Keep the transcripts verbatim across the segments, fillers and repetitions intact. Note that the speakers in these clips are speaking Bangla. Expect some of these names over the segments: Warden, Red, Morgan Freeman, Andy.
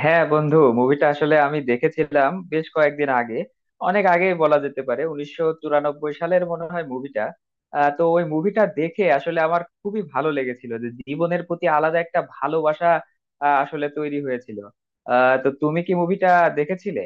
হ্যাঁ বন্ধু, মুভিটা আসলে আমি দেখেছিলাম বেশ কয়েকদিন আগে। অনেক আগেই বলা যেতে পারে, উনিশশো চুরানব্বই সালের মনে হয় মুভিটা। আহ, তো ওই মুভিটা দেখে আসলে আমার খুবই ভালো লেগেছিল যে জীবনের প্রতি আলাদা একটা ভালোবাসা আহ, আসলে তৈরি হয়েছিল। আহ তো তুমি কি মুভিটা দেখেছিলে?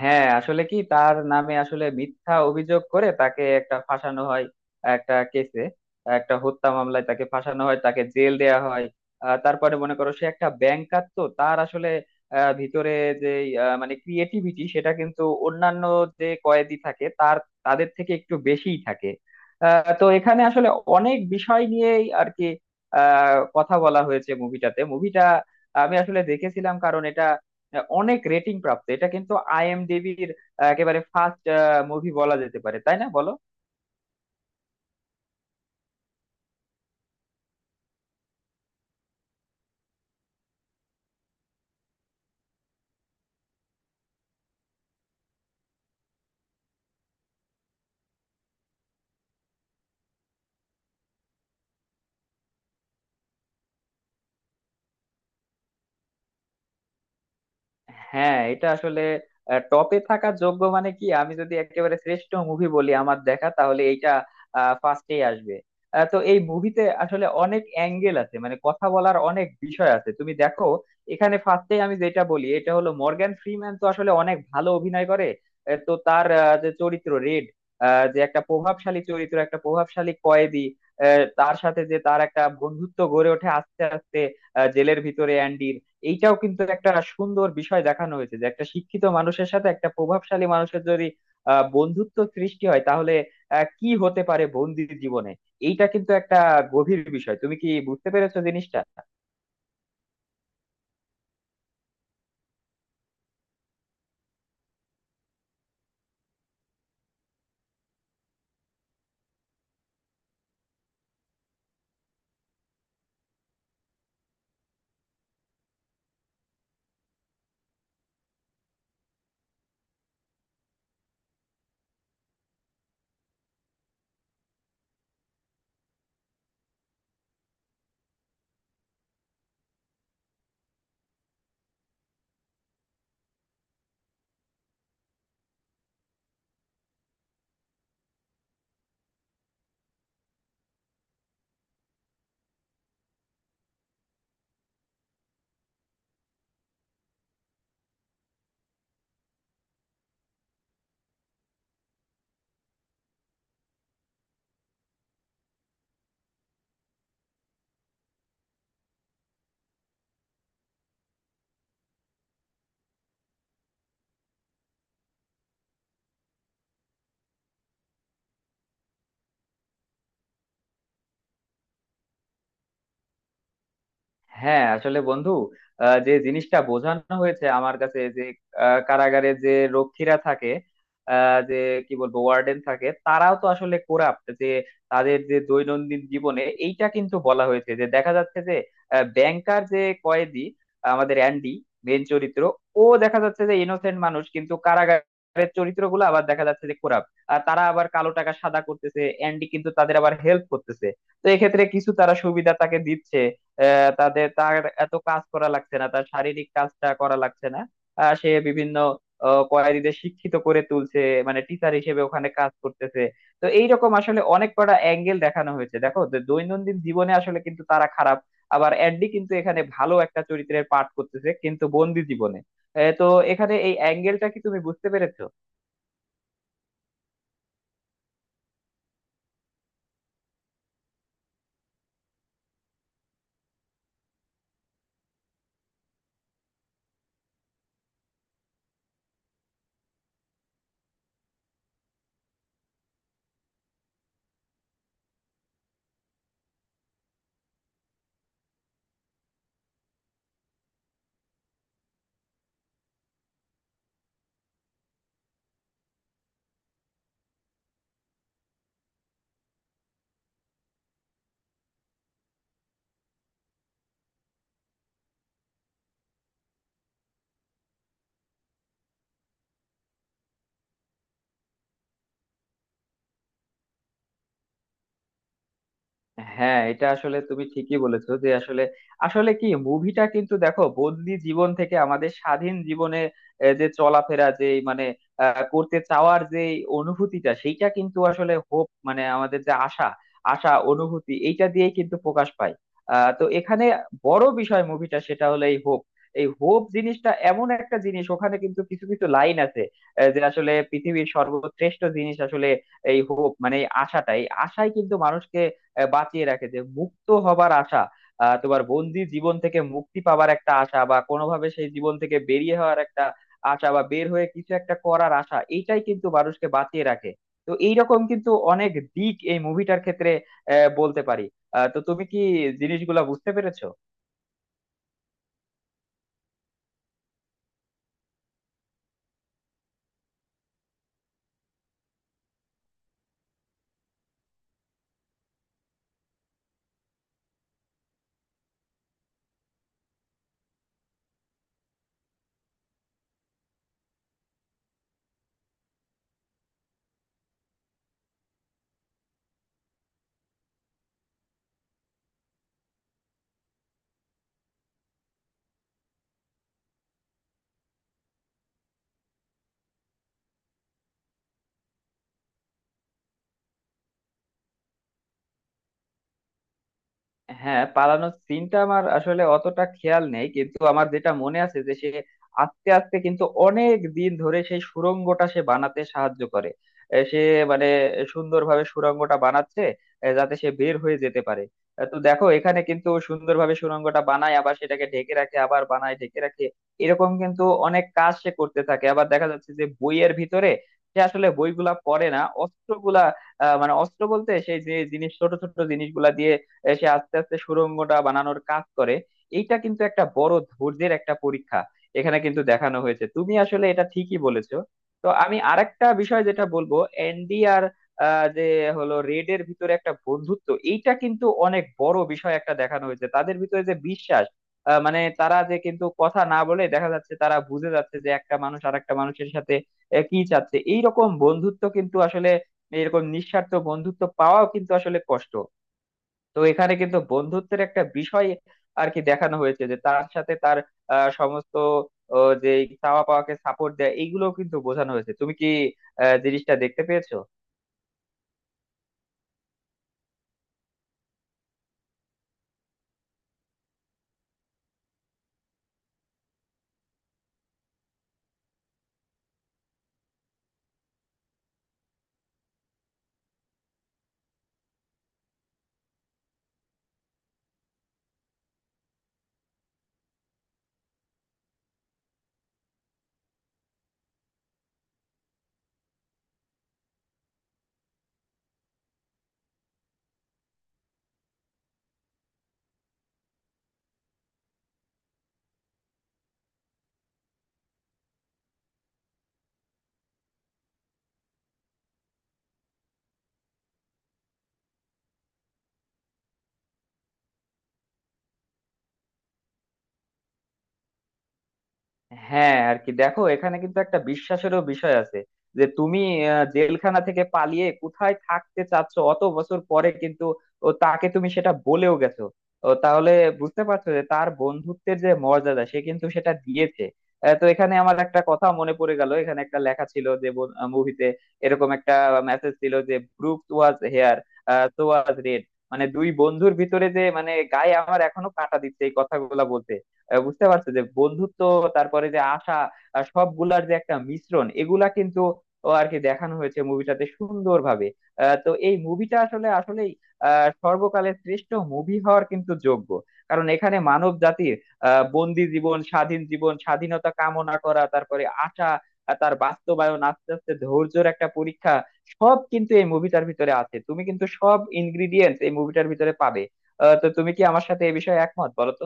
হ্যাঁ, আসলে কি তার নামে আসলে মিথ্যা অভিযোগ করে তাকে একটা ফাঁসানো হয়, একটা কেসে। একটা হত্যা মামলায় তাকে ফাঁসানো হয়, তাকে জেল দেয়া হয়। আহ, তারপরে মনে করো সে একটা ব্যাংকার, তো তার আসলে আহ, ভিতরে যে আহ, মানে ক্রিয়েটিভিটি, সেটা কিন্তু অন্যান্য যে কয়েদি থাকে তার তাদের থেকে একটু বেশিই থাকে। আহ, তো এখানে আসলে অনেক বিষয় নিয়েই আর কি আহ কথা বলা হয়েছে মুভিটাতে। মুভিটা আমি আসলে দেখেছিলাম কারণ এটা আহ, অনেক রেটিং প্রাপ্ত। এটা কিন্তু আইএমডিবির একেবারে ফার্স্ট মুভি বলা যেতে পারে, তাই না বলো? হ্যাঁ, এটা আসলে টপে থাকার যোগ্য। মানে কি, আমি যদি একেবারে শ্রেষ্ঠ মুভি বলি আমার দেখা, তাহলে এইটা ফার্স্টেই আসবে। আহ, তো এই মুভিতে আসলে অনেক অ্যাঙ্গেল আছে, মানে কথা বলার অনেক বিষয় আছে। তুমি দেখো, এখানে ফার্স্টেই আমি যেটা বলি এটা হলো মর্গ্যান ফ্রিম্যান তো আসলে অনেক ভালো অভিনয় করে। আহ, তো তার আহ, যে চরিত্র রেড, যে একটা প্রভাবশালী চরিত্র, একটা প্রভাবশালী কয়েদি, আহ, তার সাথে যে তার একটা বন্ধুত্ব গড়ে ওঠে আস্তে আস্তে আহ, জেলের ভিতরে অ্যান্ডি। এইটাও কিন্তু একটা সুন্দর বিষয় দেখানো হয়েছে, যে একটা শিক্ষিত মানুষের সাথে একটা প্রভাবশালী মানুষের যদি আহ বন্ধুত্ব সৃষ্টি হয় তাহলে আহ, কি হতে পারে বন্দির জীবনে। এইটা কিন্তু একটা গভীর বিষয়। তুমি কি বুঝতে পেরেছো জিনিসটা? হ্যাঁ, আসলে বন্ধু আহ, যে জিনিসটা বোঝানো হয়েছে আমার কাছে যে আহ, কারাগারে যে রক্ষীরা থাকে, আহ, যে কি বলবো, ওয়ার্ডেন থাকে, তারাও তো আসলে কোরাপ্ট। যে তাদের যে দৈনন্দিন জীবনে এইটা কিন্তু বলা হয়েছে, যে দেখা যাচ্ছে যে ব্যাংকার যে কয়েদি আমাদের অ্যান্ডি, মেন চরিত্র, ও দেখা যাচ্ছে যে ইনোসেন্ট মানুষ, কিন্তু কারাগারের চরিত্রগুলো আবার দেখা যাচ্ছে যে কোরাপ্ট। আর তারা আবার কালো টাকা সাদা করতেছে, অ্যান্ডি কিন্তু তাদের আবার হেল্প করতেছে। তো এক্ষেত্রে কিছু তারা সুবিধা তাকে দিচ্ছে। আহ, তাদের তার এত কাজ করা লাগছে না, তার শারীরিক কাজটা করা লাগছে না। আহ, সে বিভিন্ন আহ, কয়েদিদের শিক্ষিত করে তুলছে, মানে টিচার হিসেবে ওখানে কাজ করতেছে। তো এইরকম আসলে অনেক কটা অ্যাঙ্গেল দেখানো হয়েছে। দেখো, যে দৈনন্দিন জীবনে আসলে কিন্তু তারা খারাপ, আবার অ্যাডলি কিন্তু এখানে ভালো একটা চরিত্রের পাঠ করতেছে কিন্তু বন্দি জীবনে। এ, তো এখানে এই অ্যাঙ্গেলটা কি তুমি বুঝতে পেরেছো? হ্যাঁ, এটা আসলে তুমি ঠিকই বলেছো। যে আসলে আসলে কি মুভিটা কিন্তু দেখো বন্দি জীবন থেকে আমাদের স্বাধীন জীবনে আহ, যে চলাফেরা, যে মানে আহ, করতে চাওয়ার যে অনুভূতিটা, সেইটা কিন্তু আসলে হোপ, মানে আমাদের যে আশা, আশা অনুভূতি, এইটা দিয়েই কিন্তু প্রকাশ পায়। আহ তো এখানে বড় বিষয় মুভিটা সেটা হলো এই হোপ। এই হোপ জিনিসটা এমন একটা জিনিস, ওখানে কিন্তু কিছু কিছু লাইন আছে আহ, যে আসলে পৃথিবীর সর্বশ্রেষ্ঠ জিনিস আসলে এই হোপ, মানে এই আশাটাই, আশাই কিন্তু মানুষকে আহ, বাঁচিয়ে রাখে। যে মুক্ত হবার আশা, আহ, তোমার বন্দি জীবন থেকে মুক্তি পাবার একটা আশা, বা কোনোভাবে সেই জীবন থেকে বেরিয়ে হওয়ার একটা আশা, বা বের হয়ে কিছু একটা করার আশা, এইটাই কিন্তু মানুষকে বাঁচিয়ে রাখে। তো এইরকম কিন্তু অনেক দিক এই মুভিটার ক্ষেত্রে আহ, বলতে পারি। আহ, তো তুমি কি জিনিসগুলা বুঝতে পেরেছো? হ্যাঁ, পালানোর সিনটা আমার আসলে অতটা খেয়াল নেই, কিন্তু আমার যেটা মনে আছে যে সে আস্তে আস্তে কিন্তু অনেক দিন ধরে সেই সুড়ঙ্গটা সে বানাতে সাহায্য করে। এ, সে মানে সুন্দরভাবে সুড়ঙ্গটা বানাচ্ছে, এ, যাতে সে বের হয়ে যেতে পারে। এ, তো দেখো, এখানে কিন্তু সুন্দরভাবে সুড়ঙ্গটা বানায়, আবার সেটাকে ঢেকে রাখে, আবার বানায়, ঢেকে রাখে। এরকম কিন্তু অনেক কাজ সে করতে থাকে। আবার দেখা যাচ্ছে যে বইয়ের ভিতরে সে আসলে বইগুলা পড়ে না, অস্ত্রগুলা আহ মানে অস্ত্র বলতে সেই যে জিনিস, ছোট ছোট জিনিসগুলা এ সে আস্তে আস্তে সুড়ঙ্গটা বানানোর কাজ করে। এইটা কিন্তু একটা বড় ধৈর্যের একটা পরীক্ষা এখানে কিন্তু দেখানো হয়েছে। তুমি আসলে এটা ঠিকই বলেছো। তো আমি আরেকটা বিষয় যেটা বলবো, এনডি আর আহ, যে হলো রেড এর ভিতরে একটা বন্ধুত্ব, এইটা কিন্তু অনেক বড় বিষয় একটা দেখানো হয়েছে। তাদের ভিতরে যে বিশ্বাস, আহ, মানে তারা যে কিন্তু কথা না বলে দেখা যাচ্ছে তারা বুঝে যাচ্ছে যে একটা মানুষ আর একটা মানুষের সাথে আহ, কি চাচ্ছে, এইরকম বন্ধুত্ব কিন্তু আসলে এরকম নিঃস্বার্থ বন্ধুত্ব পাওয়াও কিন্তু আসলে কষ্ট। তো এখানে কিন্তু বন্ধুত্বের একটা বিষয় আর কি দেখানো হয়েছে, যে তার সাথে তার আহ, সমস্ত ও, যে চাওয়া পাওয়াকে সাপোর্ট দেয়। এইগুলো কিন্তু বোঝানো হয়েছে। তুমি কি আহ, জিনিসটা দেখতে পেয়েছো? হ্যাঁ, আর কি দেখো, এখানে কিন্তু একটা বিশ্বাসেরও বিষয় আছে। যে তুমি আহ, জেলখানা থেকে পালিয়ে কোথায় থাকতে চাচ্ছ অত বছর পরে, কিন্তু ও তাকে তুমি সেটা বলেও গেছো। ও তাহলে বুঝতে পারছো যে তার বন্ধুত্বের যে মর্যাদা সে কিন্তু সেটা দিয়েছে। আহ, তো এখানে আমার একটা কথা মনে পড়ে গেল, এখানে একটা লেখা ছিল যে মুভিতে এরকম একটা মেসেজ ছিল যে Brook was here, so was Red. মানে দুই বন্ধুর ভিতরে যে মানে গায়ে আমার এখনো কাঁটা দিচ্ছে এই কথাগুলো বলতে। আহ বুঝতে পারছো যে বন্ধুত্ব, তারপরে যে আশা, আর সবগুলার যে একটা মিশ্রণ, এগুলা কিন্তু ও আর কি দেখানো হয়েছে মুভিটাতে সুন্দরভাবে। আহ, তো এই মুভিটা আসলে আসলেই আহ সর্বকালের শ্রেষ্ঠ মুভি হওয়ার কিন্তু যোগ্য, কারণ এখানে মানব জাতির আহ বন্দি জীবন, স্বাধীন জীবন, স্বাধীনতা কামনা করা, তারপরে আশা আর তার বাস্তবায়ন, আস্তে আস্তে ধৈর্যের একটা পরীক্ষা, সব কিন্তু এই মুভিটার ভিতরে আছে। তুমি কিন্তু সব ইনগ্রিডিয়েন্টস এই মুভিটার ভিতরে পাবে। আহ, তো তুমি কি আমার সাথে এই বিষয়ে একমত বলো তো?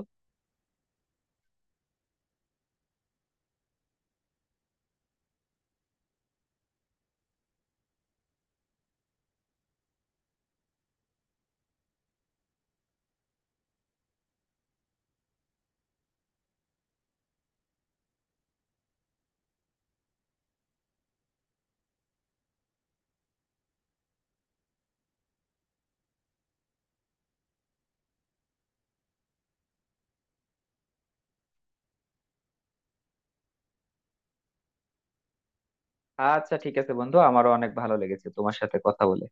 আচ্ছা, ঠিক আছে বন্ধু, আমারও অনেক ভালো লেগেছে তোমার সাথে কথা বলে।